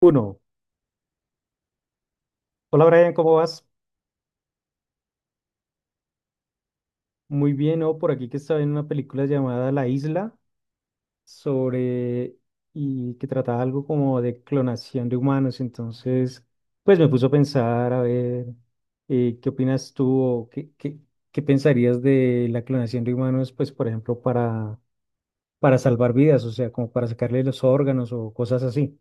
Uno. Hola Brian, ¿cómo vas? Muy bien, ¿no? Por aquí que estaba en una película llamada La Isla sobre y que trataba algo como de clonación de humanos. Entonces, pues me puso a pensar, a ver, ¿qué opinas tú o qué pensarías de la clonación de humanos, pues por ejemplo, para salvar vidas, o sea, como para sacarle los órganos o cosas así?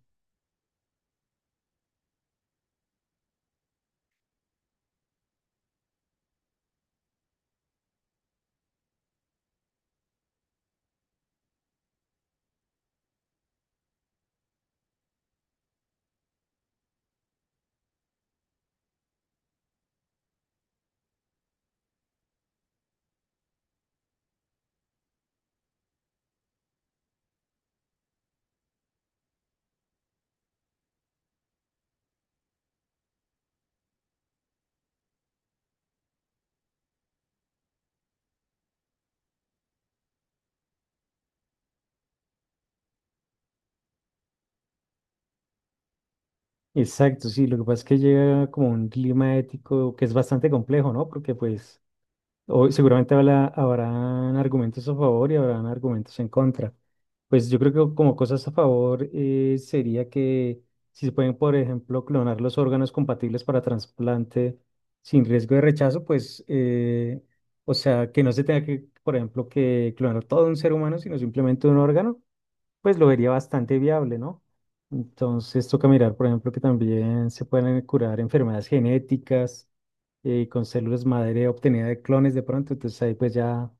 Exacto, sí, lo que pasa es que llega como un clima ético que es bastante complejo, ¿no? Porque pues... Hoy seguramente habrán argumentos a favor y habrán argumentos en contra. Pues yo creo que como cosas a favor sería que si se pueden, por ejemplo, clonar los órganos compatibles para trasplante sin riesgo de rechazo, pues, o sea, que no se tenga que, por ejemplo, que clonar todo un ser humano, sino simplemente un órgano, pues lo vería bastante viable, ¿no? Entonces toca mirar, por ejemplo, que también se pueden curar enfermedades genéticas con células madre obtenida de clones de pronto, entonces ahí pues ya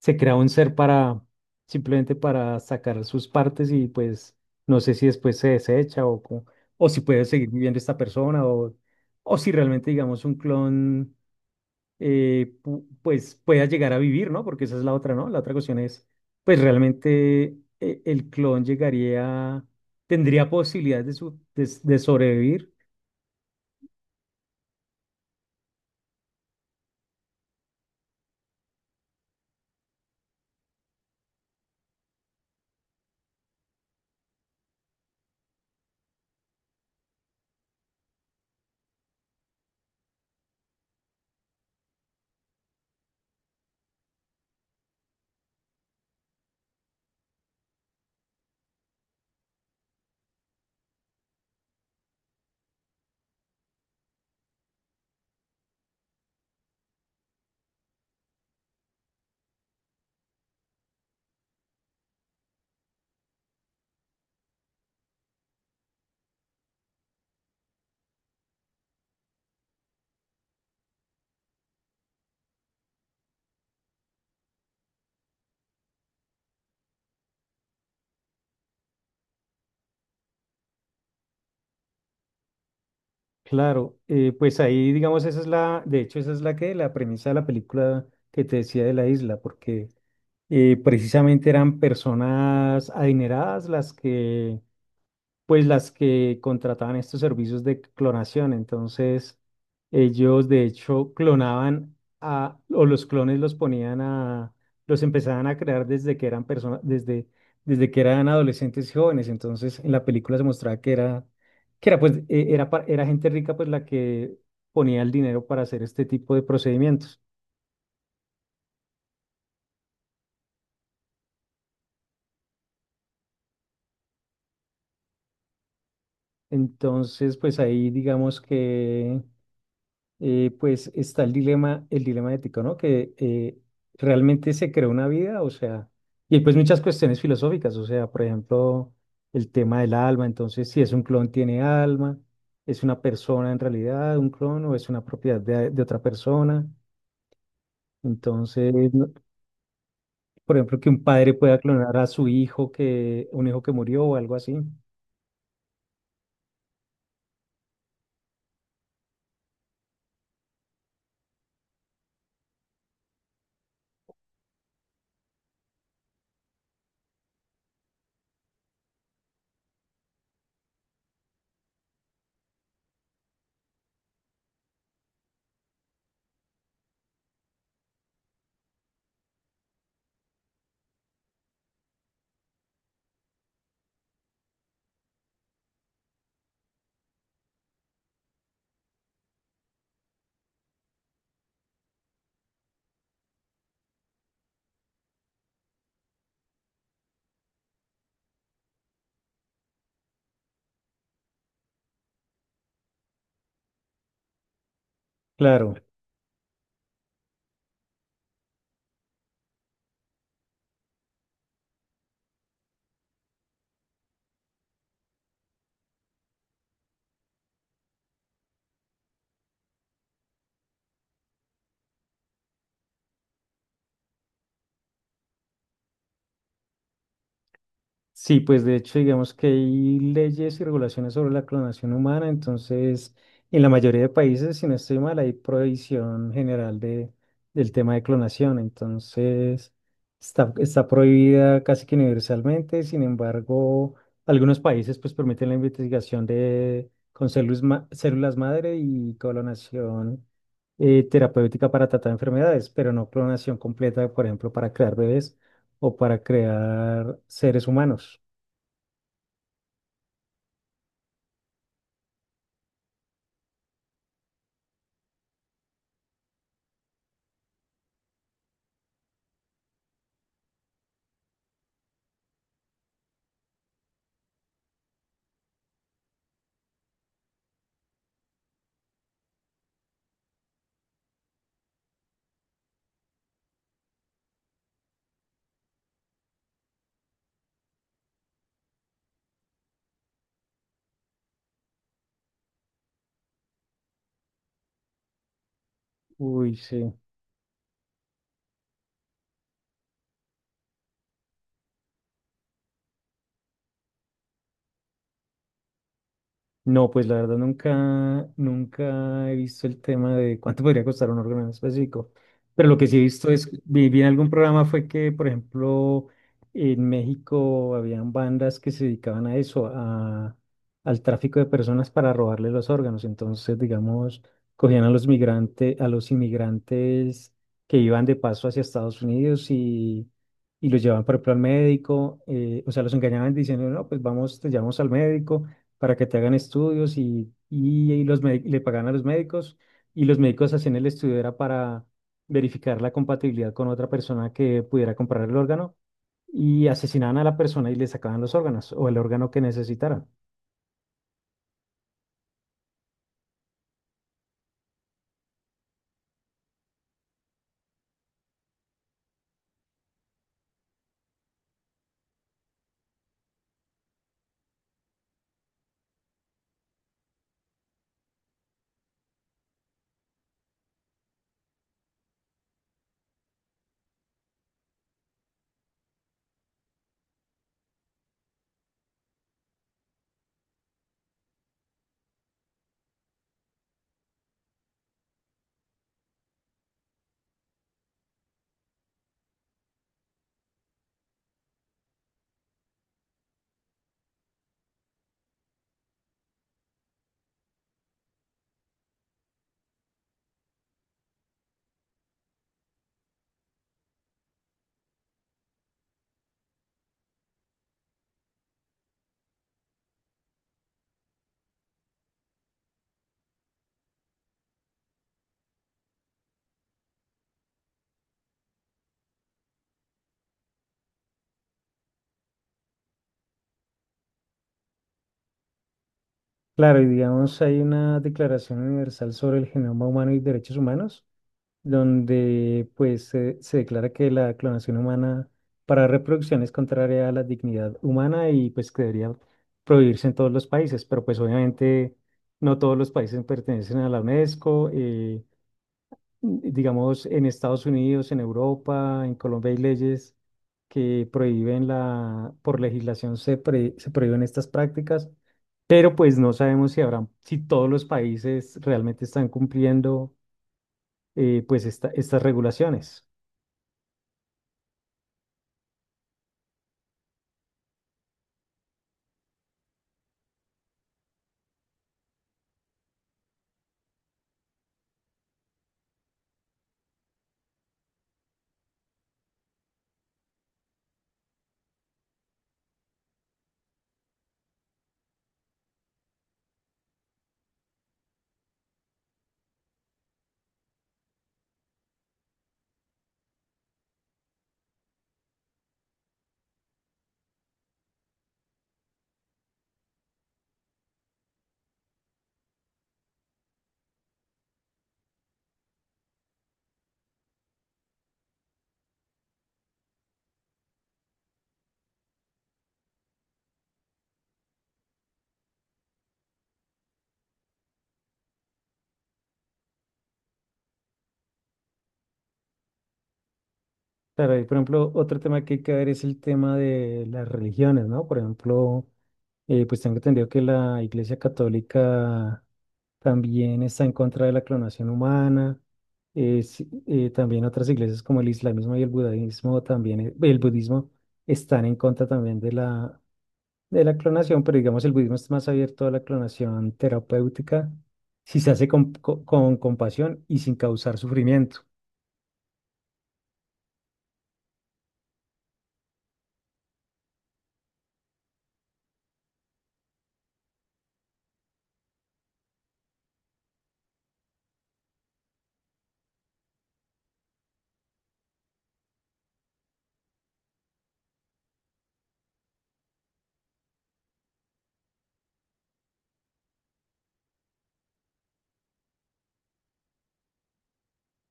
se crea un ser para, simplemente para sacar sus partes y pues no sé si después se desecha o si puede seguir viviendo esta persona o si realmente digamos un clon pues pueda llegar a vivir, ¿no? Porque esa es la otra, ¿no? La otra cuestión es pues realmente el clon llegaría, tendría posibilidades de, de sobrevivir. Claro, pues ahí digamos esa es la, de hecho esa es la que, la premisa de la película que te decía de la isla, porque precisamente eran personas adineradas las que pues las que contrataban estos servicios de clonación. Entonces, ellos de hecho clonaban a, o los clones los ponían a, los empezaban a crear desde que eran personas, desde, desde que eran adolescentes y jóvenes. Entonces, en la película se mostraba que era pues, era gente rica pues la que ponía el dinero para hacer este tipo de procedimientos. Entonces, pues ahí digamos que pues está el dilema ético, ¿no? Que realmente se creó una vida, o sea, y hay, pues muchas cuestiones filosóficas, o sea, por ejemplo, el tema del alma, entonces si es un clon tiene alma, es una persona en realidad, un clon, o es una propiedad de otra persona, entonces, por ejemplo, que un padre pueda clonar a su hijo, que un hijo que murió o algo así, claro. Sí, pues de hecho, digamos que hay leyes y regulaciones sobre la clonación humana, entonces en la mayoría de países, si no estoy mal, hay prohibición general de, del tema de clonación, entonces está, está prohibida casi que universalmente, sin embargo, algunos países pues permiten la investigación de, con células madre y clonación terapéutica para tratar enfermedades, pero no clonación completa, por ejemplo, para crear bebés o para crear seres humanos. Uy, sí. No, pues la verdad nunca, nunca he visto el tema de cuánto podría costar un órgano en específico. Pero lo que sí he visto es, vi en algún programa fue que, por ejemplo, en México habían bandas que se dedicaban a eso, a, al tráfico de personas para robarle los órganos. Entonces, digamos, cogían a los migrantes, a los inmigrantes que iban de paso hacia Estados Unidos y los llevaban, por ejemplo, al médico, o sea, los engañaban diciendo, no, pues vamos, te llevamos al médico, para que te hagan estudios y los le pagan a los médicos y los médicos hacían el estudio era para verificar la compatibilidad con otra persona que pudiera comprar el órgano y asesinaban a la persona y le sacaban los órganos o el órgano que necesitaran. Claro, y digamos, hay una Declaración Universal sobre el Genoma Humano y Derechos Humanos donde pues se declara que la clonación humana para reproducción es contraria a la dignidad humana y pues que debería prohibirse en todos los países, pero pues obviamente no todos los países pertenecen a la UNESCO, digamos en Estados Unidos, en Europa, en Colombia hay leyes que prohíben la, por legislación se prohíben estas prácticas, pero pues no sabemos si habrán, si todos los países realmente están cumpliendo pues estas regulaciones. Claro, y por ejemplo, otro tema que hay que ver es el tema de las religiones, ¿no? Por ejemplo, pues tengo entendido que la Iglesia Católica también está en contra de la clonación humana. Sí, también otras iglesias como el islamismo y el budismo también, el budismo están en contra también de la clonación, pero digamos el budismo es más abierto a la clonación terapéutica si se hace con compasión y sin causar sufrimiento.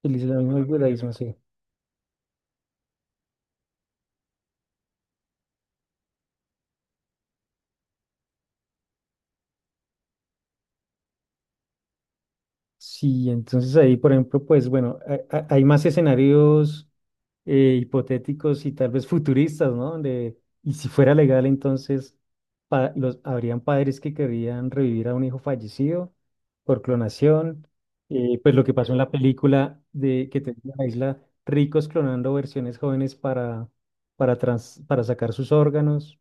El islamismo y el Claro. budismo, sí. Sí, entonces ahí, por ejemplo, pues bueno, hay más escenarios hipotéticos y tal vez futuristas, ¿no? Donde, y si fuera legal, entonces habrían padres que querrían revivir a un hijo fallecido por clonación, pues lo que pasó en la película de que tenía la isla ricos clonando versiones jóvenes para, para sacar sus órganos.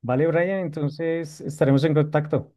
Vale, Brian, entonces estaremos en contacto.